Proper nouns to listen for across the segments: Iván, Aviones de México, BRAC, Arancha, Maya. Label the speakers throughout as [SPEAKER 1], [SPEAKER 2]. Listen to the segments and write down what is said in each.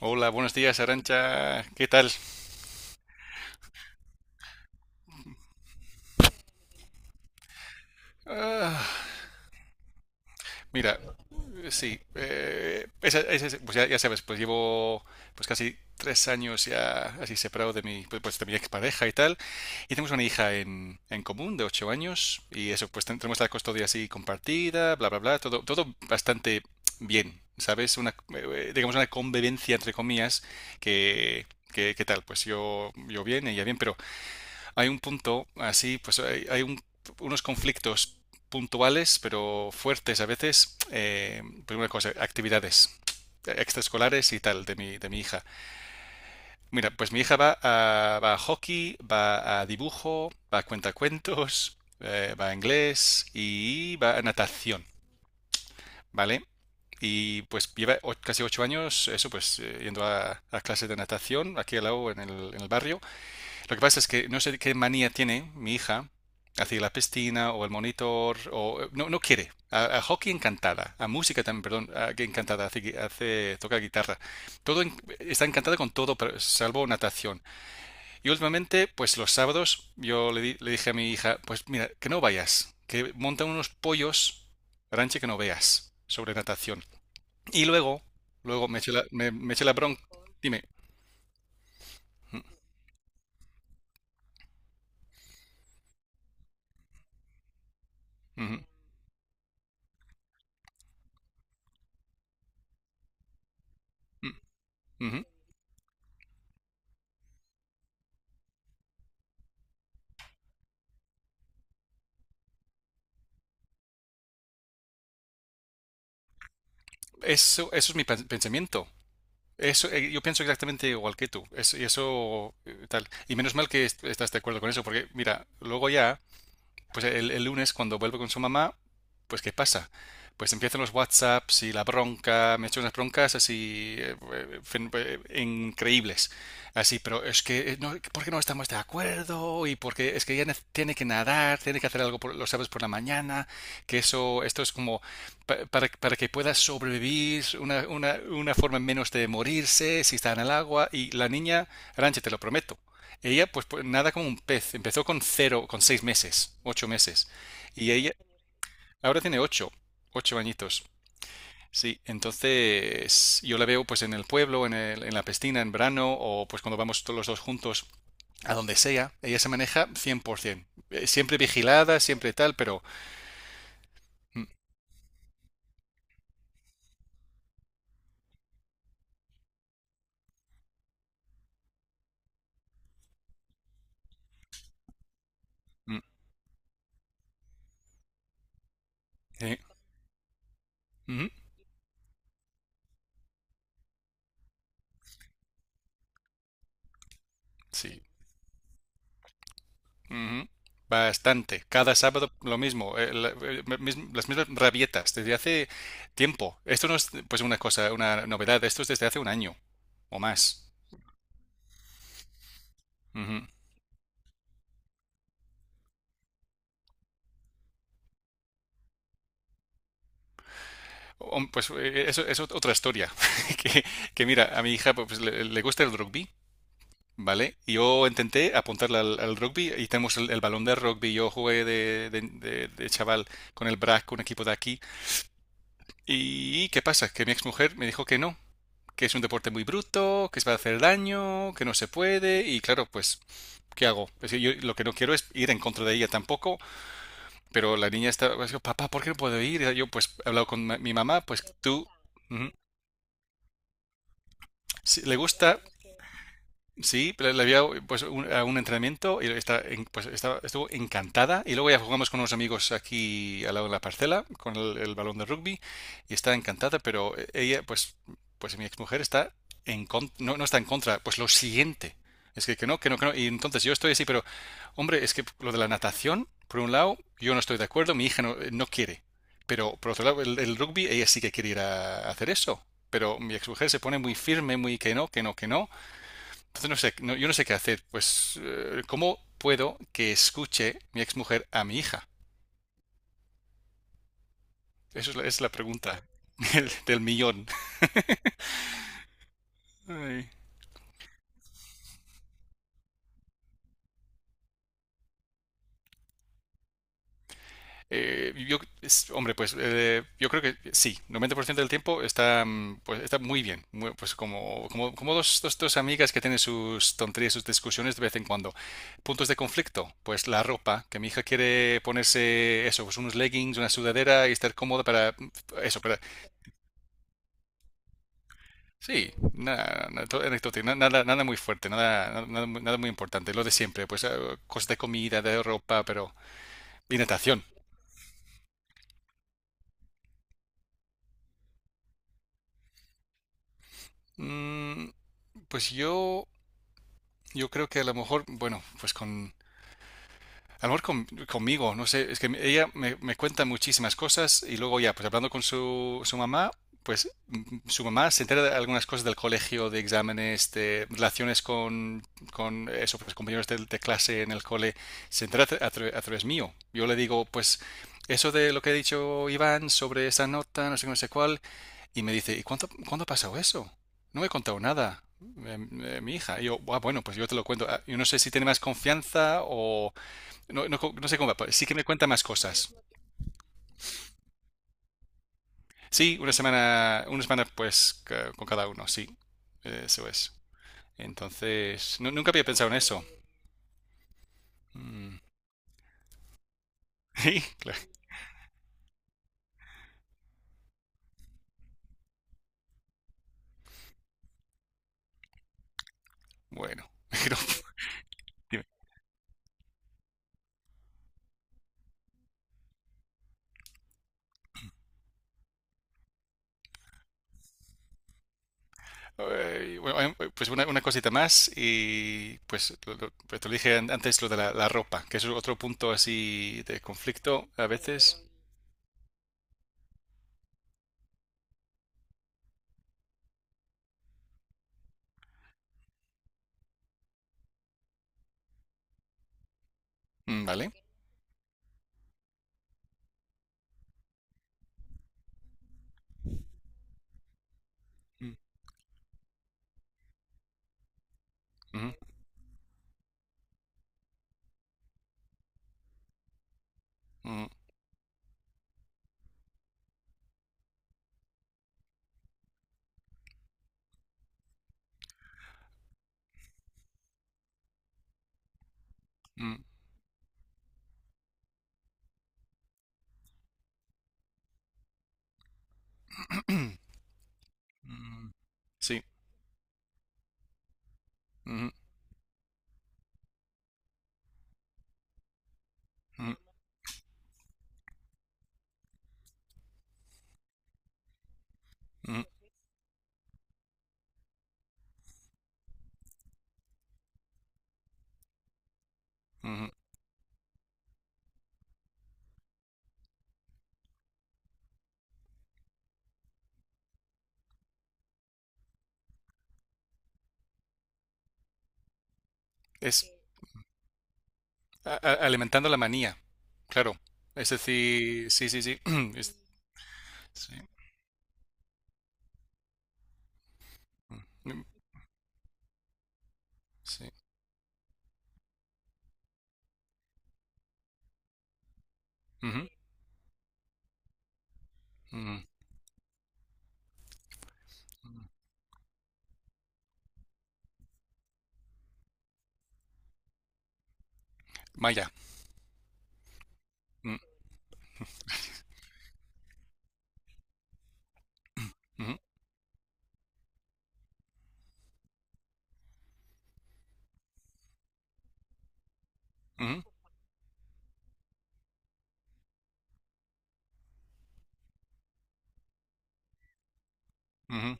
[SPEAKER 1] Hola, buenos días, Arancha. ¿Qué tal? Ah, mira, sí, pues ya sabes, pues llevo pues casi 3 años ya así separado de mi, de mi expareja y tal. Y tenemos una hija en común de 8 años y eso, pues tenemos la custodia así compartida, bla, bla, bla, todo bastante bien, ¿sabes? Una, digamos una convivencia entre comillas que, ¿qué tal? Pues yo bien, ella bien, pero hay un punto, así, pues unos conflictos puntuales, pero fuertes a veces. Primera cosa, actividades extraescolares y tal de mi hija. Mira, pues mi hija va a, va a hockey, va a dibujo, va a cuentacuentos, va a inglés y va a natación, ¿vale? Y pues lleva casi 8 años, eso pues, yendo a clases de natación aquí al lado en el barrio. Lo que pasa es que no sé qué manía tiene mi hija hacia la piscina o el monitor o no quiere. A hockey encantada, a música también, perdón, que encantada, toca guitarra. Todo está encantada con todo, salvo natación. Y últimamente, pues los sábados, le dije a mi hija, pues mira, que no vayas, que montan unos pollos, ranche que no veas, sobre natación. Y luego, me eché la bronca. Dime. Ujú, ujú, ujú. Eso es mi pensamiento. Eso, yo pienso exactamente igual que tú. Y eso, tal. Y menos mal que estás de acuerdo con eso, porque mira, luego ya pues el lunes cuando vuelvo con su mamá, pues ¿qué pasa? Pues empiezan los WhatsApps y la bronca, me he hecho unas broncas así increíbles. Así, pero es que, no, ¿por qué no estamos de acuerdo? Y porque es que ella tiene que nadar, tiene que hacer algo los sábados por la mañana, que eso, esto es como para que pueda sobrevivir, una forma menos de morirse si está en el agua. Y la niña, Ranche, te lo prometo, ella, nada como un pez. Empezó con cero, con 6 meses, 8 meses. Y ella ahora tiene ocho añitos. Sí, entonces yo la veo pues en el pueblo, en la piscina, en verano, o pues cuando vamos todos los dos juntos a donde sea. Ella se maneja 100%. Siempre vigilada, siempre tal, pero... mm, mm, eh, ujú, sí. Ujú. Bastante. Cada sábado lo mismo. Las mismas rabietas desde hace tiempo. Esto no es pues una cosa, una novedad. Esto es desde hace un año o más. Ujú. Pues eso es otra historia. Que, que mira, a mi hija le gusta el rugby, ¿vale? Y yo intenté apuntarla al, al rugby y tenemos el balón de rugby. Yo jugué de chaval con el BRAC, un equipo de aquí. ¿Y qué pasa? Que mi exmujer me dijo que no, que es un deporte muy bruto, que se va a hacer daño, que no se puede, y claro, pues, ¿qué hago? Es decir, yo lo que no quiero es ir en contra de ella tampoco, pero la niña está, pues, papá, ¿por qué no puedo ir? Y yo, pues, he hablado con mi mamá, pues tú, ujú, si le gusta. Sí, pero le había pues a un entrenamiento y pues, estuvo encantada. Y luego ya jugamos con unos amigos aquí al lado de la parcela con el balón de rugby y está encantada, pero ella, pues mi exmujer está no, no está en contra, pues lo siguiente. Es que no, que no, que no. Y entonces yo estoy así, pero hombre, es que lo de la natación, por un lado, yo no estoy de acuerdo, mi hija no quiere. Pero por otro lado, el rugby, ella sí que quiere ir a hacer eso. Pero mi exmujer se pone muy firme, muy que no, que no, que no. Entonces no sé, yo no sé qué hacer. Pues, ¿cómo puedo que escuche mi exmujer a mi hija? Esa es la pregunta del, del millón. Ay. Hombre, yo creo que sí. 90% del tiempo está, pues, está muy bien. Pues como, como dos amigas que tienen sus tonterías, sus discusiones de vez en cuando. Puntos de conflicto, pues la ropa, que mi hija quiere ponerse eso, pues unos leggings, una sudadera y estar cómoda para eso, para. Sí, nada, nada, todo anecdótico, nada, nada muy fuerte, nada, nada, nada muy nada muy importante, lo de siempre, pues cosas de comida, de ropa, pero y natación. Mm, pues yo creo que a lo mejor, bueno, pues con a lo mejor conmigo, no sé, es que ella me cuenta muchísimas cosas y luego ya, pues hablando con su, su mamá, pues su mamá se entera de algunas cosas del colegio, de exámenes, de relaciones con eso, pues, compañeros de clase en el cole, se entera a través mío. Yo le digo, pues eso de lo que ha dicho Iván sobre esa nota, no sé qué, no sé cuál, y me dice, ¿y cuándo ha pasado eso? No me he contado nada. Mi hija. Y yo, "Ah, bueno, pues yo te lo cuento." Ah, yo no sé si tiene más confianza o, no, no, no sé cómo va, pues, sí que me cuenta más cosas. Sí, una semana pues con cada uno, sí. Eso es. Entonces, nunca había pensado en eso. Mm. Sí, claro. Bueno, pero, dime. Bueno, pues una cosita más y pues, pues te lo dije antes lo de la, la ropa, que es otro punto así de conflicto a veces. Mm, ¿vale? Mm, ujú, mm, mm, mm, sí. Ujú, ujú, ujú, ujú. Es, Alimentando la manía, claro. Es decir, sí, sí, sí. es- sí. Mm, sí, ujú, ujú, ujú. Maya. Mm, ujú, ujú, ujú.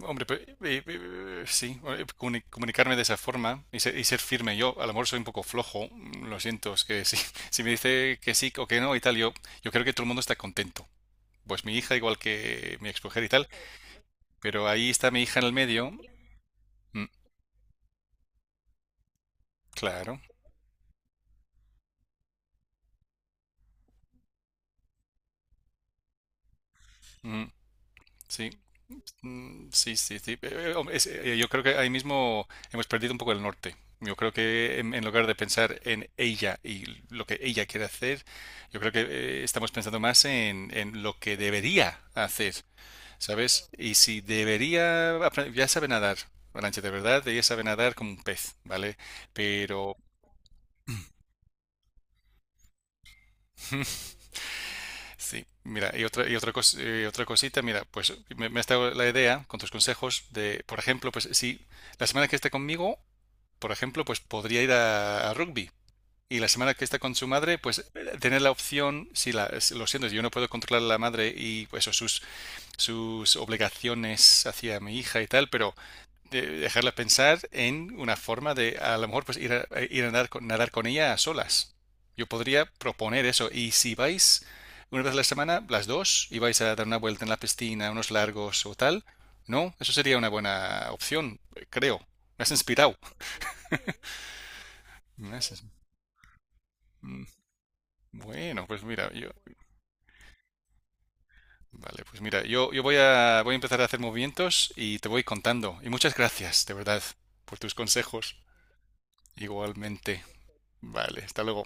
[SPEAKER 1] Hombre, sí, comunicarme de esa forma y ser firme. Yo, a lo mejor soy un poco flojo, lo siento, es que sí. Si me dice que sí o que no y tal, yo creo que todo el mundo está contento. Pues mi hija, igual que mi exmujer y tal, pero ahí está mi hija en el medio. Mm, claro, mm, sí. Mm, sí, sí, sí. Hombre, yo creo que ahí mismo hemos perdido un poco el norte. Yo creo que en lugar de pensar en ella y lo que ella quiere hacer, yo creo que estamos pensando más en lo que debería hacer, ¿sabes? Y si debería, ya sabe nadar, Arantxa, de verdad, ella sabe nadar como un pez, ¿vale? Pero sí, mira, otra cosita, mira, pues me ha estado la idea con tus consejos de, por ejemplo, pues si la semana que esté conmigo por ejemplo, pues podría ir a rugby. Y la semana que está con su madre, pues tener la opción, si la, si- lo siento, yo no puedo controlar a la madre y pues, sus obligaciones hacia mi hija y tal, pero dejarla pensar en una forma de a lo mejor pues ir a nadar, nadar con ella a solas. Yo podría proponer eso. Y si vais una vez a la semana, las dos, y vais a dar una vuelta en la piscina, unos largos o tal, no, eso sería una buena opción, creo. Me has inspirado. Me has- inspirado. Bueno, pues mira, vale, pues mira, yo voy a, voy a empezar a hacer movimientos y te voy contando. Y muchas gracias, de verdad, por tus consejos. Igualmente. Vale, hasta luego.